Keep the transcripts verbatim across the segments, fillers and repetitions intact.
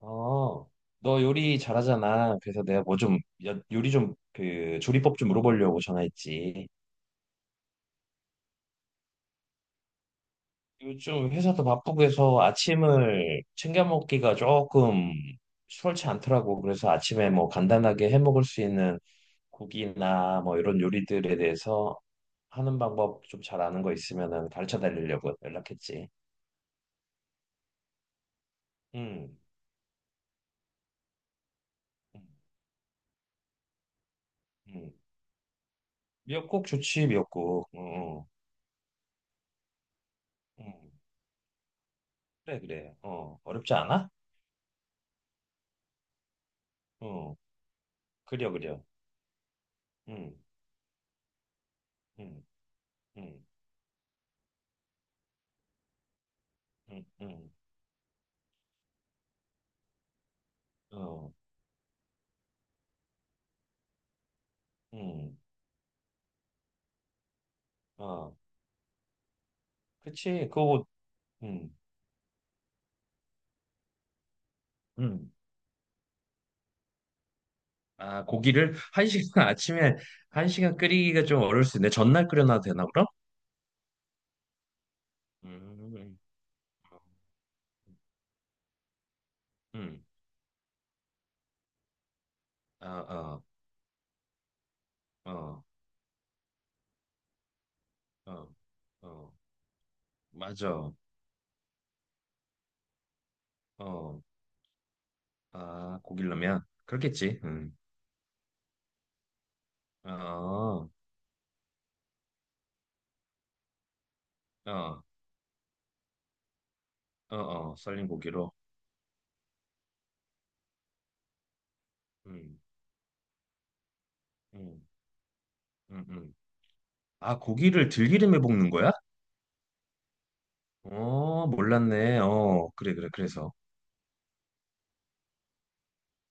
어, 너 요리 잘하잖아. 그래서 내가 뭐 좀, 여- 요리 좀, 그, 조리법 좀 물어보려고 전화했지. 요즘 회사도 바쁘고 해서 아침을 챙겨 먹기가 조금 수월치 않더라고. 그래서 아침에 뭐 간단하게 해 먹을 수 있는 국이나 뭐 이런 요리들에 대해서 하는 방법 좀 잘 아는 거 있으면은 가르쳐 달리려고 연락했지. 음. 음. 음. 미역국 좋지, 미역국. 응, 응. 응. 그래, 그래. 어, 어렵지 않아? 어, 그려, 그려. 음. 음. 음. 음. 음. 어. 음. 어, 그치, 그거. 음. 음. 아, 고기를 한 시간 아침에 한 시간 끓이기가 좀 어려울 수 있는데 전날 끓여놔도 되나 그럼? 음. 음. 아, 아, 어, 어, 어, 맞아. 어, 아, 고기라면 그렇겠지. 음. 어, 어, 어, 어, 썰린 고기로. 음. 음. 음. 음. 아, 고기를 들기름에 볶는 거야? 어, 몰랐네. 어, 그래, 그래, 그래서.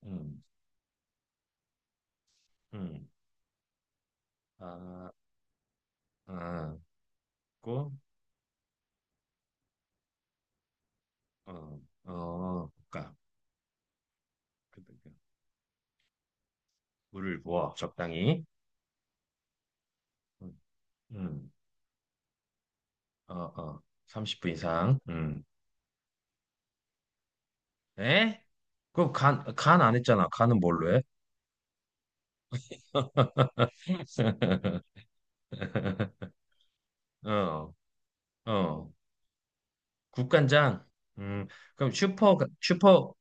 음. 음. 아, 아, 고, 어, 어, 그까 그, 그, 그. 물을 부어, 적당히. 음. 음. 어, 어, 삼십 분 이상. 음. 에? 그럼 간, 간 안 했잖아. 간은 뭘로 해? 어, 어. 국간장. 음. 그럼 슈퍼, 가- 슈퍼,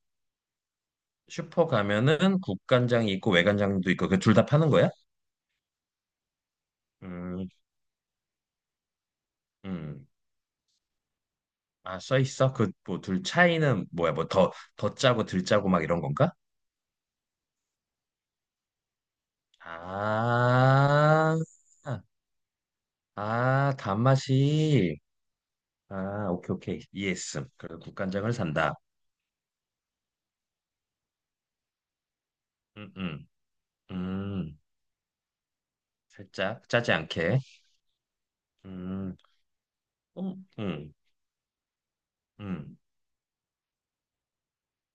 슈퍼 가면은 국간장이 있고 외간장도 있고, 그 둘 다 파는 거야? 음. 음. 아, 써 있어? 그, 뭐, 둘 차이는 뭐야? 뭐, 더, 더 짜고 덜 짜고 막 이런 건가? 아, 아, 단맛이. 아, 오케이, 오케이. 이해했음. 그래서 국간장을 산다. 음. 음. 음. 살짝 짜지 않게. 음. 음. 음. 음.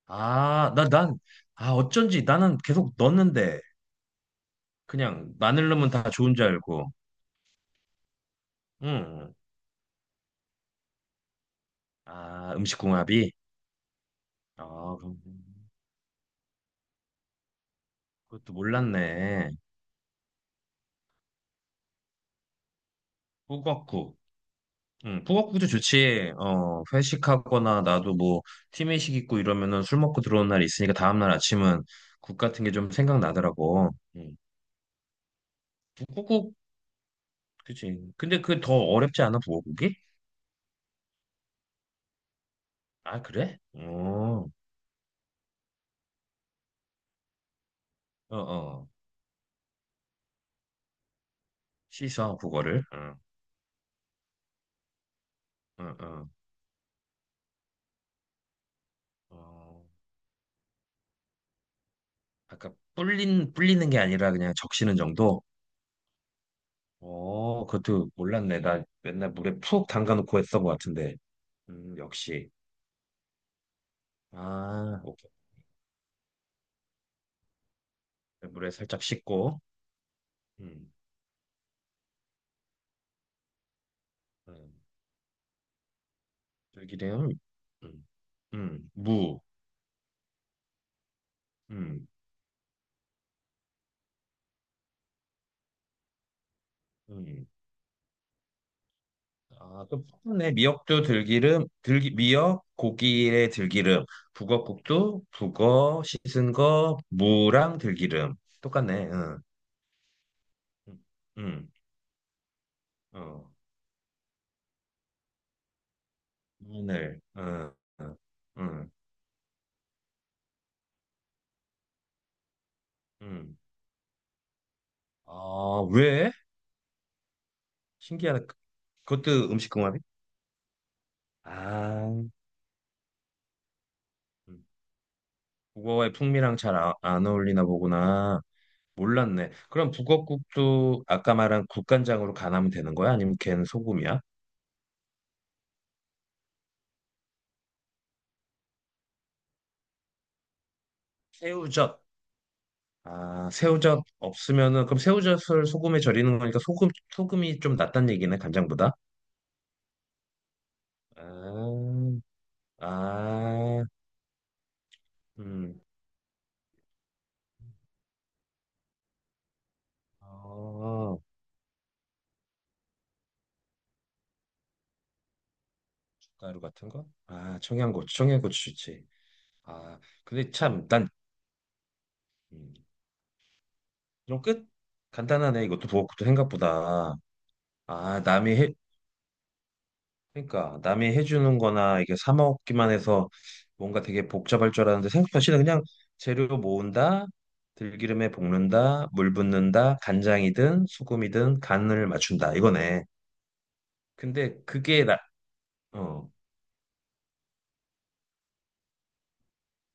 아, 나, 난, 아, 어쩐지 나는 계속 넣었는데, 그냥 마늘 넣으면 다 좋은 줄 알고. 음. 음. 아, 음식 궁합이? 아, 그럼 그것도 몰랐네. 북엇국. 응, 북어국도 좋지. 어, 회식하거나 나도 뭐 팀회식 있고 이러면은 술 먹고 들어온 날이 있으니까 다음날 아침은 국 같은 게 좀 생각나더라고. 응. 북어국, 그치. 근데 그 더 어렵지 않아, 북어국이? 아, 그래? 어, 어, 어. 씻어, 북어를. 응, 응, 응. 어, 아까 불린, 불리는 게 아니라 그냥 적시는 정도? 어, 그것도 몰랐네. 나 맨날 물에 푹 담가놓고 했던 것 같은데. 음, 역시. 아, 오케이. 물에 살짝 씻고. 음. 음. 들기름. 음. 음. 무. 음. 음. 아, 또 푸네. 미역도 들기름, 들기, 미역, 고기에 들기름, 북어국도 북어 씻은 거 무랑 들기름. 똑같네. 응, 응, 응. 어, 마늘, 응, 응, 응. 응. 아, 왜? 신기하네. 그것도 음식 궁합이? 아, 북어의 풍미랑 잘 아, 안 어울리나 보구나. 몰랐네. 그럼 북엇국도 아까 말한 국간장으로 간하면 되는 거야? 아니면 걘 소금이야? 새우젓. 아, 새우젓 없으면은 그럼 새우젓을 소금에 절이는 거니까 소금 소금이 좀 낫단 얘기네, 간장보다. 아, 아, 음, 어, 가루 같은 거? 아, 청양고추, 청양고추지. 아, 근데 참, 난, 음, 그럼 끝? 간단하네, 이것도 부엌국도 생각보다. 아, 남이 해, 그러니까 남이 해주는 거나 이게 사 먹기만 해서 뭔가 되게 복잡할 줄 알았는데 생각보다 쉬 그냥 재료 모은다, 들기름에 볶는다, 물 붓는다, 간장이든 수금이든 간을 맞춘다 이거네. 근데 그게 나, 어,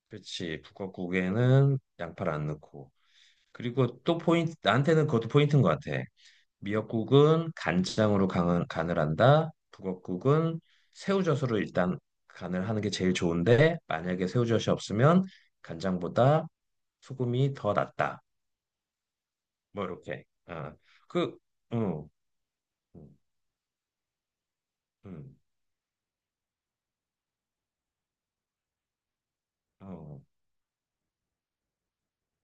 그렇지. 북엇국에는 양파를 안 넣고. 그리고 또 포인트, 나한테는 그것도 포인트인 것 같아. 미역국은 간장으로 간, 간을 한다. 북엇국은 새우젓으로 일단 간을 하는 게 제일 좋은데 만약에 새우젓이 없으면 간장보다 소금이 더 낫다. 뭐 이렇게. 어. 그, 응, 응, 응, 어,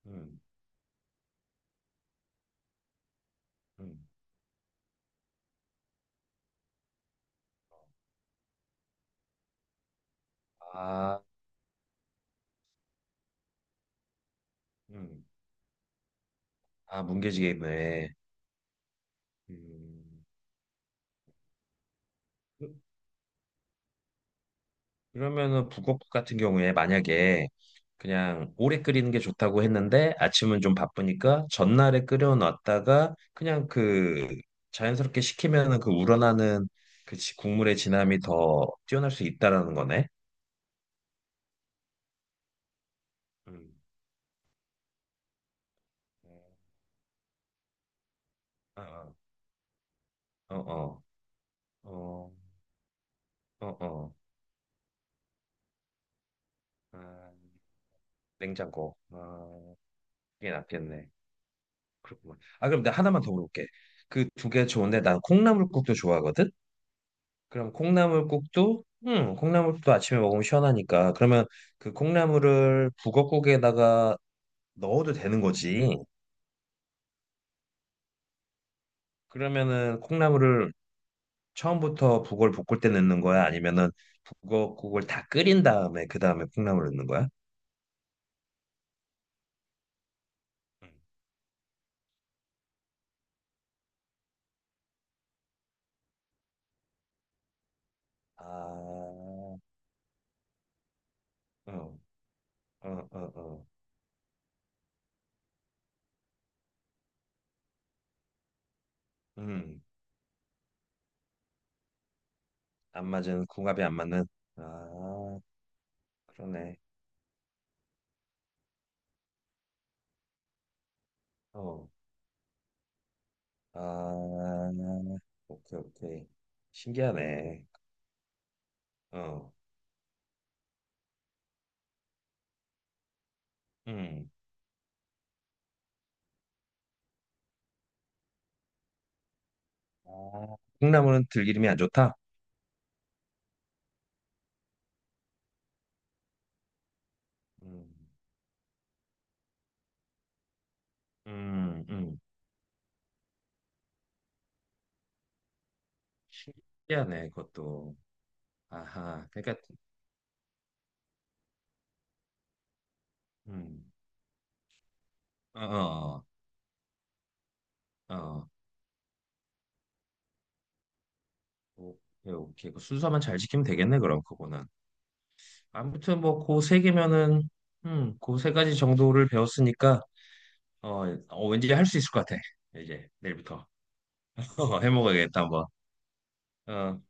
응, 응. 아, 음, 아, 뭉개지게 입네. 음. 그러면은 북엇 같은 경우에 만약에 그냥 오래 끓이는 게 좋다고 했는데 아침은 좀 바쁘니까 전날에 끓여놨다가 그냥 그 자연스럽게 식히면은 그 우러나는 그 지- 국물의 진함이 더 뛰어날 수 있다라는 거네. 음. 어, 어, 어, 어, 어, 어. 어. 아, 냉장고. 아, 이게 낫겠네. 그렇구만. 아, 그럼 내가 하나만 더 물어볼게. 그 두 개 좋은데 난 콩나물국도 좋아하거든? 그럼 콩나물국도 음 콩나물국도 아침에 먹으면 시원하니까 그러면 그 콩나물을 북어국에다가 넣어도 되는 거지. 그러면은 콩나물을 처음부터 북어를 볶을 때 넣는 거야? 아니면은 북어국을 다 끓인 다음에 그 다음에 콩나물을 넣는 거야? 음. 아, 어, 어, 어, 어. 음, 안 맞은 궁합이 안 맞는. 아, 그러네. 어, 아, 오케이, 오케이. 신기하네. 어, 음. 아, 콩나물은 들기름이 안 좋다. 음. 음. 음. 신기하네, 그것도. 아하, 그러니까, 음, 어, 어, 어, 어. 오케이, 오케이. 그 순서만 잘 지키면 되겠네, 그럼 그거는. 아무튼 뭐, 그 세 개면은, 음, 그 세 가지 정도를 배웠으니까, 어, 어 왠지 할 수 있을 것 같아. 이제 내일부터 어, 해먹어야겠다, 한번. 어,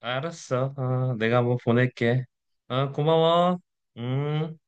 알았어. 어, 내가 한번 보낼게. 어, 고마워. 음.